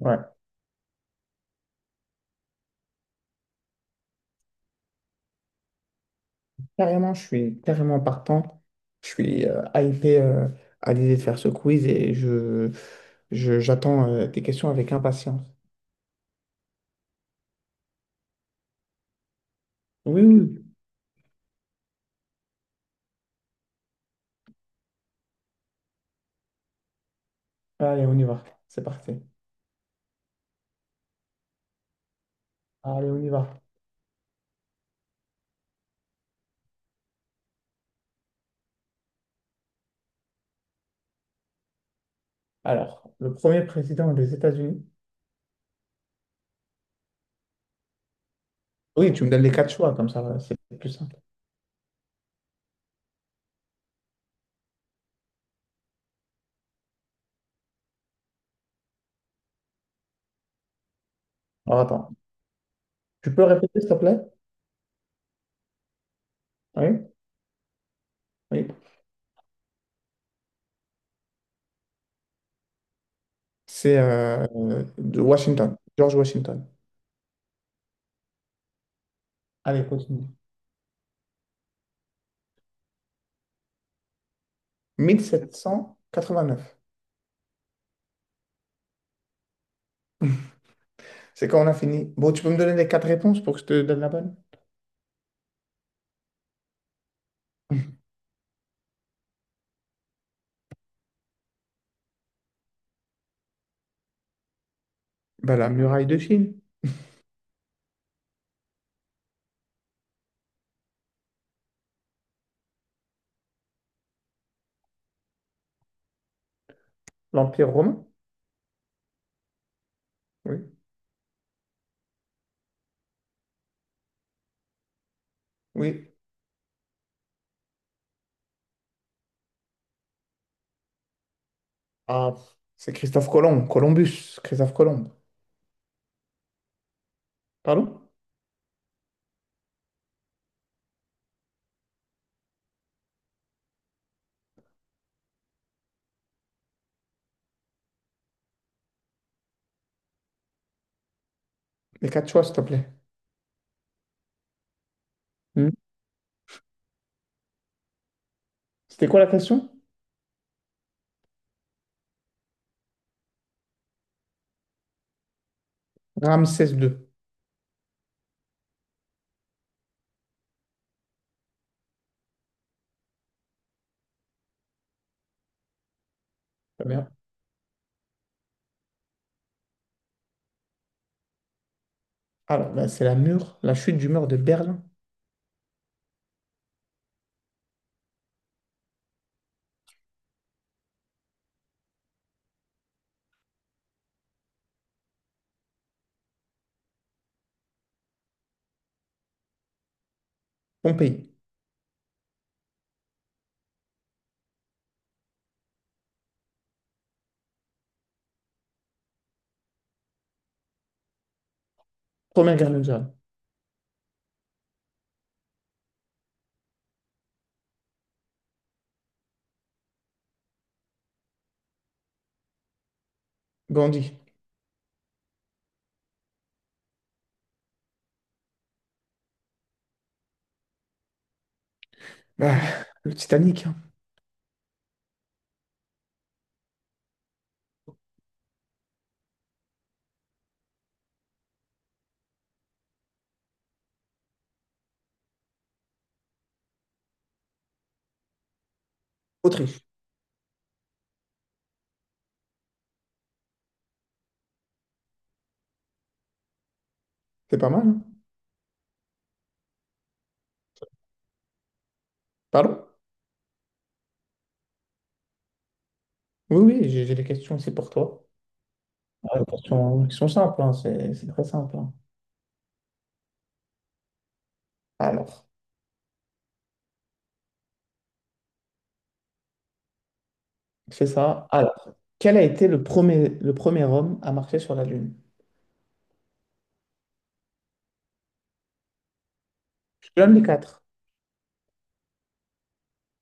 Ouais, carrément, je suis carrément partant. Je suis hypé à l'idée de faire ce quiz et j'attends tes questions avec impatience. Oui, oui. Allez, on y va. C'est parti. Allez, on y va. Alors, le premier président des États-Unis. Oui, tu me donnes les quatre choix, comme ça, c'est plus simple. Alors, attends. Tu peux répéter, s'il te plaît? Oui, oui. C'est de Washington, George Washington. Allez, continue. 1789. C'est quand on a fini. Bon, tu peux me donner les quatre réponses pour que je te donne la bonne? Bah, la muraille de Chine, l'Empire romain. Oui. Oui. Ah, c'est Christophe Colomb, Columbus, Christophe Colomb. Pardon? Les quatre choix, s'il te plaît. Hmm. C'était quoi la question? Ramsès II. Très bien. Alors, là, c'est la mur, la chute du mur de Berlin. Pompéi. Première guerre mondiale. Gandhi. Bah, le Titanic, hein. Autriche. C'est pas mal, hein. Pardon? Oui, oui, j'ai des questions aussi pour toi. Ah, les questions, qui sont simples, hein, c'est très simple, hein. Alors. C'est ça. Alors, quel a été le premier homme à marcher sur la Lune? Je te donne les quatre.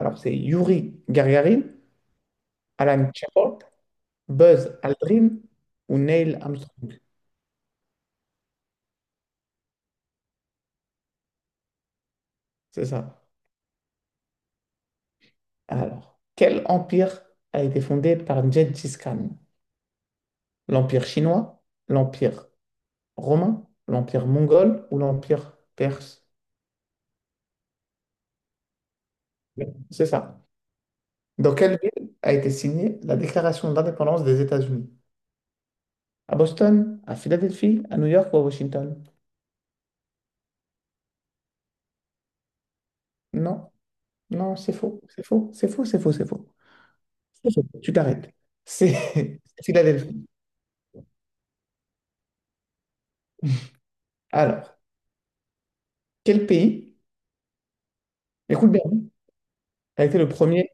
Alors, c'est Yuri Gagarin, Alan Shepard, Buzz Aldrin ou Neil Armstrong. C'est ça. Alors, quel empire a été fondé par Gengis Khan? L'empire chinois, l'empire romain, l'empire mongol ou l'empire perse? C'est ça. Dans quelle ville a été signée la déclaration d'indépendance des États-Unis? À Boston, à Philadelphie, à New York ou à Washington? Non, non, c'est faux, c'est faux, c'est faux, c'est faux, c'est faux. C'est faux. Tu t'arrêtes. C'est Philadelphie. Alors, quel pays, écoute bien, a été le premier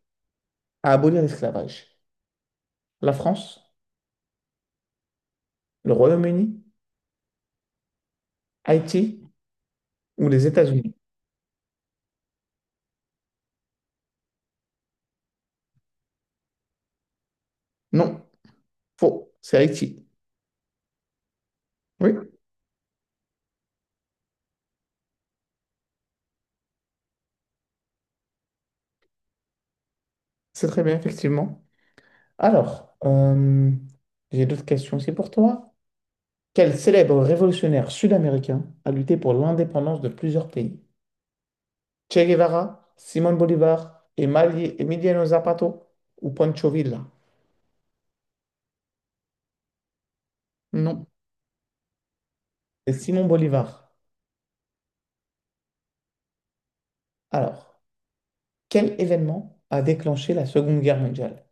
à abolir l'esclavage? La France, le Royaume-Uni, Haïti ou les États-Unis? Non, faux, c'est Haïti. Oui, c'est très bien, effectivement. Alors, j'ai d'autres questions aussi pour toi. Quel célèbre révolutionnaire sud-américain a lutté pour l'indépendance de plusieurs pays? Che Guevara, Simon Bolivar, Emiliano Zapato ou Pancho Villa? Non. C'est Simon Bolivar. Alors, quel événement a déclenché la Seconde Guerre mondiale?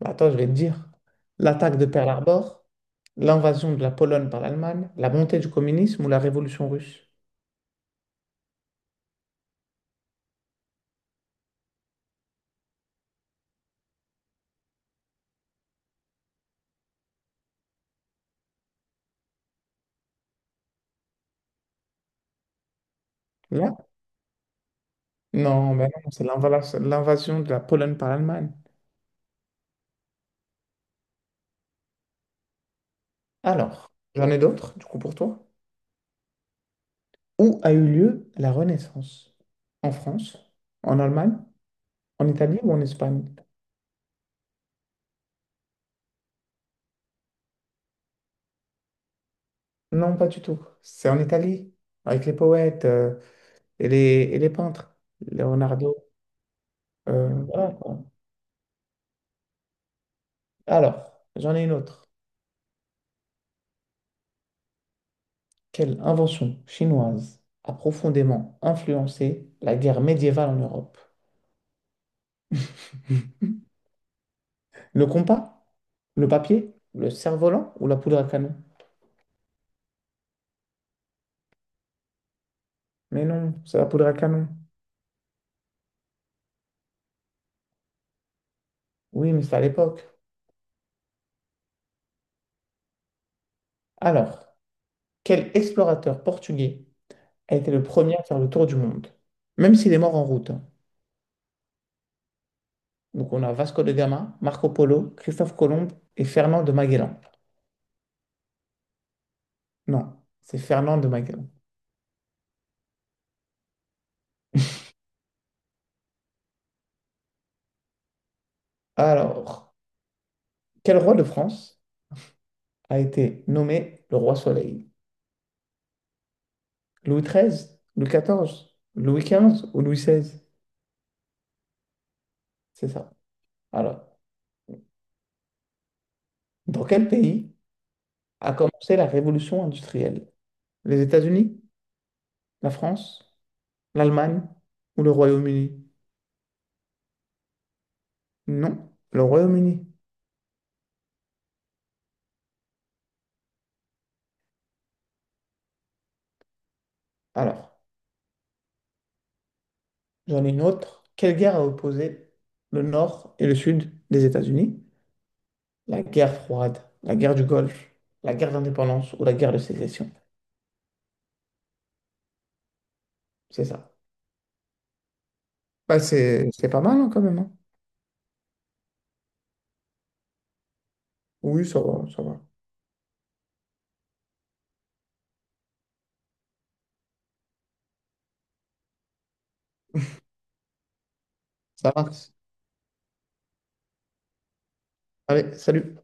Bah, attends, je vais te dire. L'attaque de Pearl Harbor, l'invasion de la Pologne par l'Allemagne, la montée du communisme ou la révolution russe? Là? Non, ben non, c'est l'invasion de la Pologne par l'Allemagne. Alors, j'en ai d'autres, du coup, pour toi. Où a eu lieu la Renaissance? En France, en Allemagne, en Italie ou en Espagne? Non, pas du tout. C'est en Italie, avec les poètes et les, et les peintres. Leonardo. Voilà, quoi. Alors, j'en ai une autre. Quelle invention chinoise a profondément influencé la guerre médiévale en Europe? Le compas? Le papier? Le cerf-volant ou la poudre à canon? Mais non, c'est la poudre à canon. Oui, mais c'est à l'époque. Alors, quel explorateur portugais a été le premier à faire le tour du monde? Même s'il est mort en route, hein. Donc on a Vasco de Gama, Marco Polo, Christophe Colomb et Fernand de Magellan. Non, c'est Fernand de Magellan. Alors, quel roi de France a été nommé le roi Soleil? Louis XIII, Louis XIV, Louis XV ou Louis XVI? C'est ça. Alors, dans quel pays a commencé la révolution industrielle? Les États-Unis, la France, l'Allemagne ou le Royaume-Uni? Non, le Royaume-Uni. Alors, j'en ai une autre. Quelle guerre a opposé le nord et le sud des États-Unis? La guerre froide, la guerre du Golfe, la guerre d'indépendance ou la guerre de sécession. C'est ça. Bah, c'est pas mal hein, quand même, hein. Oui, ça va, ça va. Ça marche. Allez, salut.